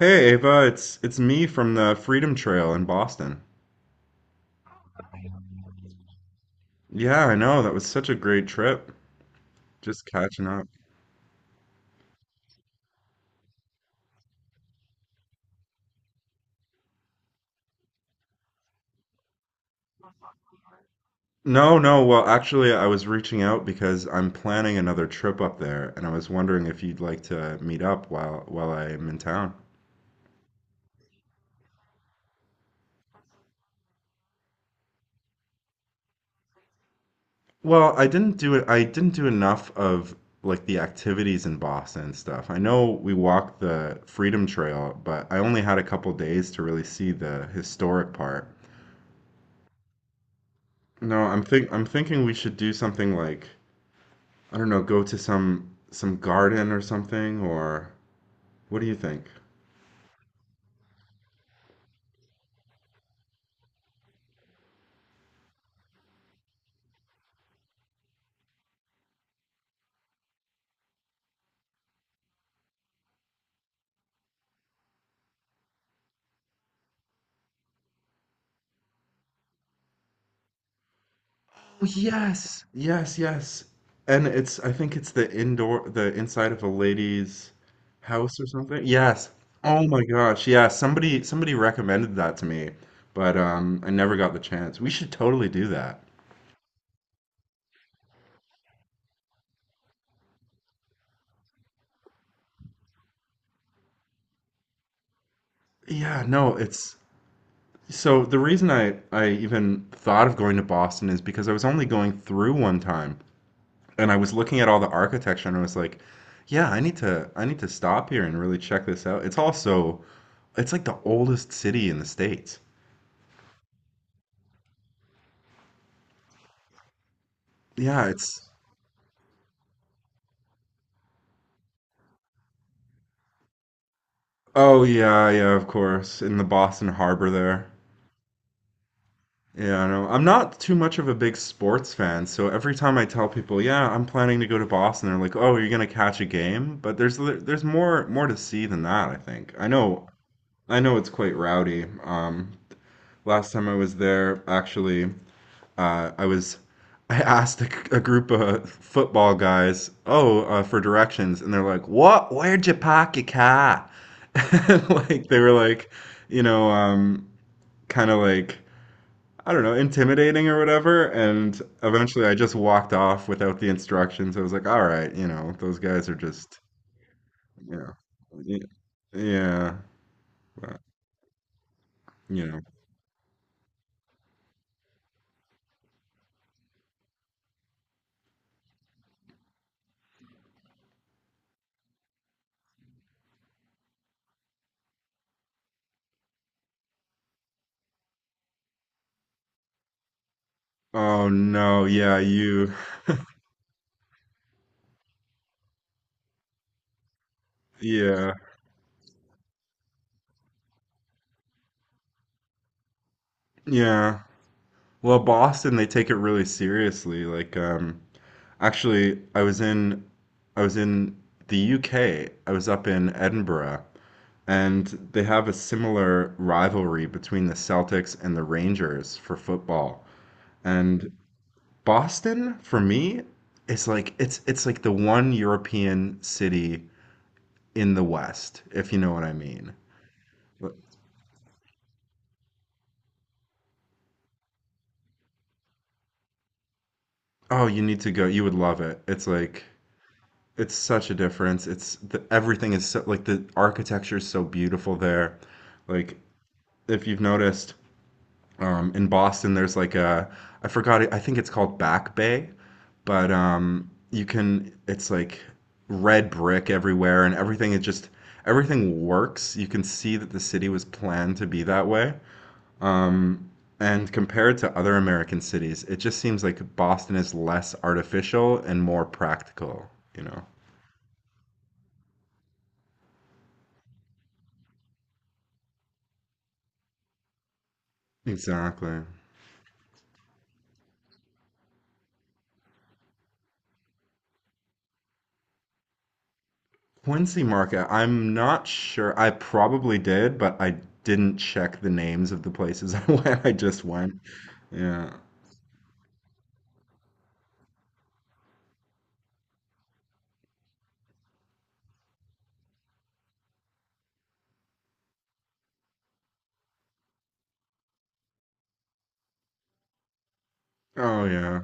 Hey Ava, it's me from the Freedom Trail in Boston. Yeah, I know. That was such a great trip. Just catching up. No, no, well, actually, I was reaching out because I'm planning another trip up there, and I was wondering if you'd like to meet up while I'm in town. Well, I didn't do it. I didn't do enough of like the activities in Boston and stuff. I know we walked the Freedom Trail, but I only had a couple days to really see the historic part. No, I'm think I'm thinking we should do something like I don't know, go to some garden or something, or what do you think? Yes, yes, yes. And it's I think it's the inside of a lady's house or something. Yes. Oh my gosh, yeah, somebody recommended that to me, but I never got the chance. We should totally do that. Yeah, no, it's so the reason I even thought of going to Boston is because I was only going through one time, and I was looking at all the architecture and I was like, yeah, I need to stop here and really check this out. It's also it's like the oldest city in the States. Yeah, it's oh yeah, yeah, of course, in the Boston Harbor there. Yeah, I know. I'm not too much of a big sports fan, so every time I tell people, "Yeah, I'm planning to go to Boston," they're like, "Oh, you're gonna catch a game?" But there's more to see than that, I think. I know it's quite rowdy. Last time I was there, actually, I was I asked a group of football guys, for directions, and they're like, "What? Where'd you park your car?" And, like they were like, you know, um, kind of like I don't know, intimidating or whatever. And eventually, I just walked off without the instructions. I was like, all right, those guys are just, you know, y- yeah, but, you know. Oh no, yeah, you, yeah, yeah. Well, Boston, they take it really seriously. Like, actually, I was in the UK. I was up in Edinburgh, and they have a similar rivalry between the Celtics and the Rangers for football. And Boston, for me, is like it's like the one European city in the West, if you know what I mean. But- Oh, you need to go. You would love it. It's like it's such a difference. Everything is so like the architecture is so beautiful there. Like if you've noticed, in Boston, there's like a I forgot it, I think it's called Back Bay, but you can it's like red brick everywhere and everything is just everything works. You can see that the city was planned to be that way. Um, and compared to other American cities, it just seems like Boston is less artificial and more practical, you know. Exactly. Quincy Market, I'm not sure. I probably did, but I didn't check the names of the places I went. I just went. Yeah. Oh yeah.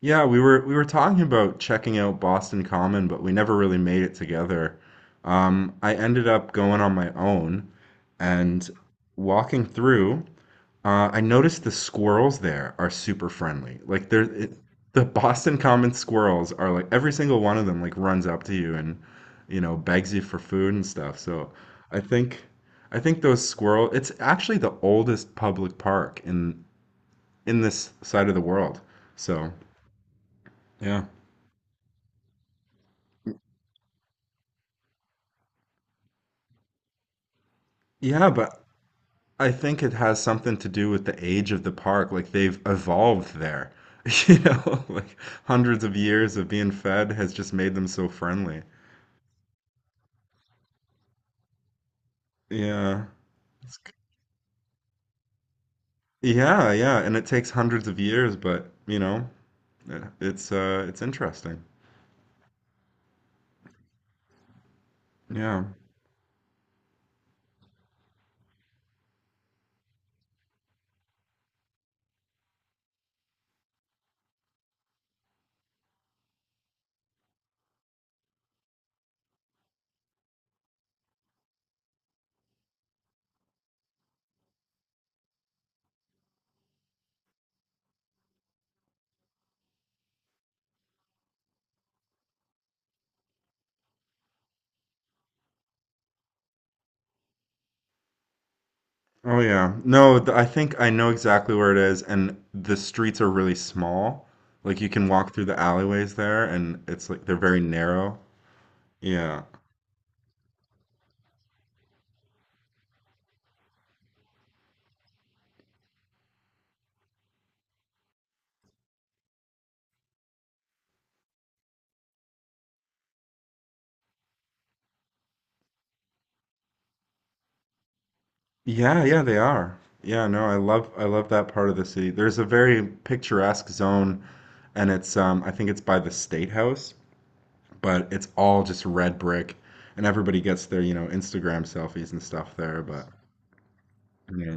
Yeah, we were talking about checking out Boston Common, but we never really made it together. I ended up going on my own and walking through. I noticed the squirrels there are super friendly. The Boston Common squirrels are like every single one of them like runs up to you and you know begs you for food and stuff. So I think I think those squirrel it's actually the oldest public park in this side of the world. So yeah. Yeah, but I think it has something to do with the age of the park. Like they've evolved there. You know, like hundreds of years of being fed has just made them so friendly. Yeah. It's c- Yeah, yeah, and it takes hundreds of years, but you know, it's interesting. Yeah. Oh yeah. No, th I think I know exactly where it is and the streets are really small. Like you can walk through the alleyways there and it's like they're very narrow. Yeah. Yeah, yeah, they are. Yeah, no, I love that part of the city. There's a very picturesque zone and it's I think it's by the State House, but it's all just red brick, and everybody gets their, you know, Instagram selfies and stuff there. But yeah,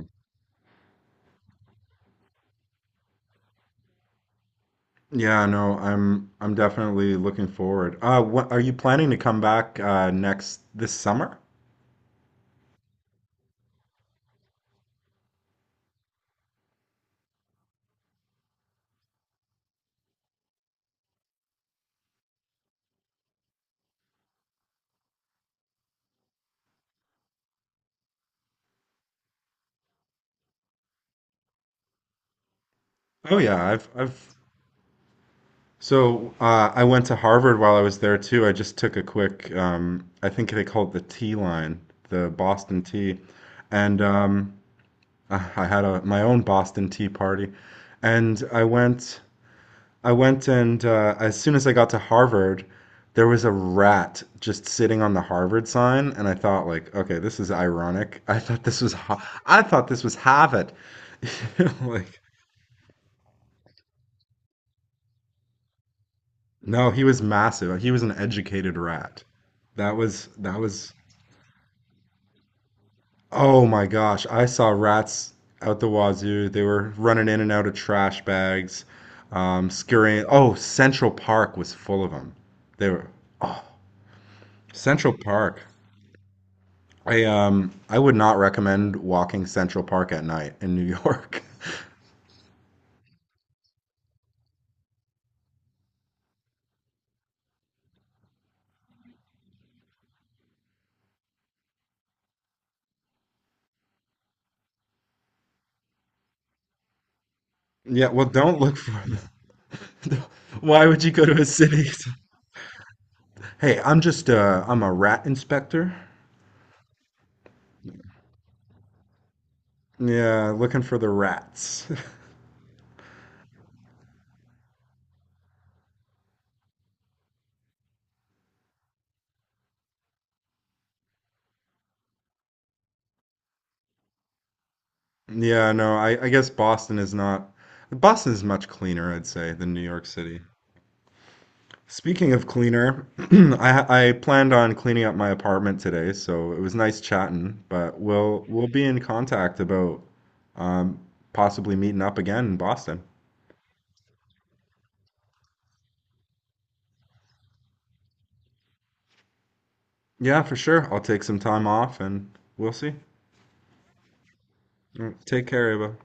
yeah, no, I'm definitely looking forward. What are you planning to come back next this summer? Oh yeah, I've so I went to Harvard while I was there too. I just took a quick I think they call it the T line, the Boston Tea, and I had a my own Boston Tea party, and I went. I went and as soon as I got to Harvard, there was a rat just sitting on the Harvard sign, and I thought, like, okay, this is ironic. I thought this was, I thought this was Harvard. Like, no, he was massive. He was an educated rat. That was that was. Oh my gosh, I saw rats out the wazoo. They were running in and out of trash bags, scurrying. Oh, Central Park was full of them. They were. Oh, Central Park. I would not recommend walking Central Park at night in New York. Yeah, well, don't look for them. Why would you go to a city? Hey, I'm just I'm a rat inspector. Yeah, looking for the rats. Yeah, no, I guess Boston is not Boston is much cleaner, I'd say, than New York City. Speaking of cleaner, I planned on cleaning up my apartment today, so it was nice chatting, but we'll be in contact about um, possibly meeting up again in Boston. Yeah, for sure. I'll take some time off and we'll see. All right, take care, Ava.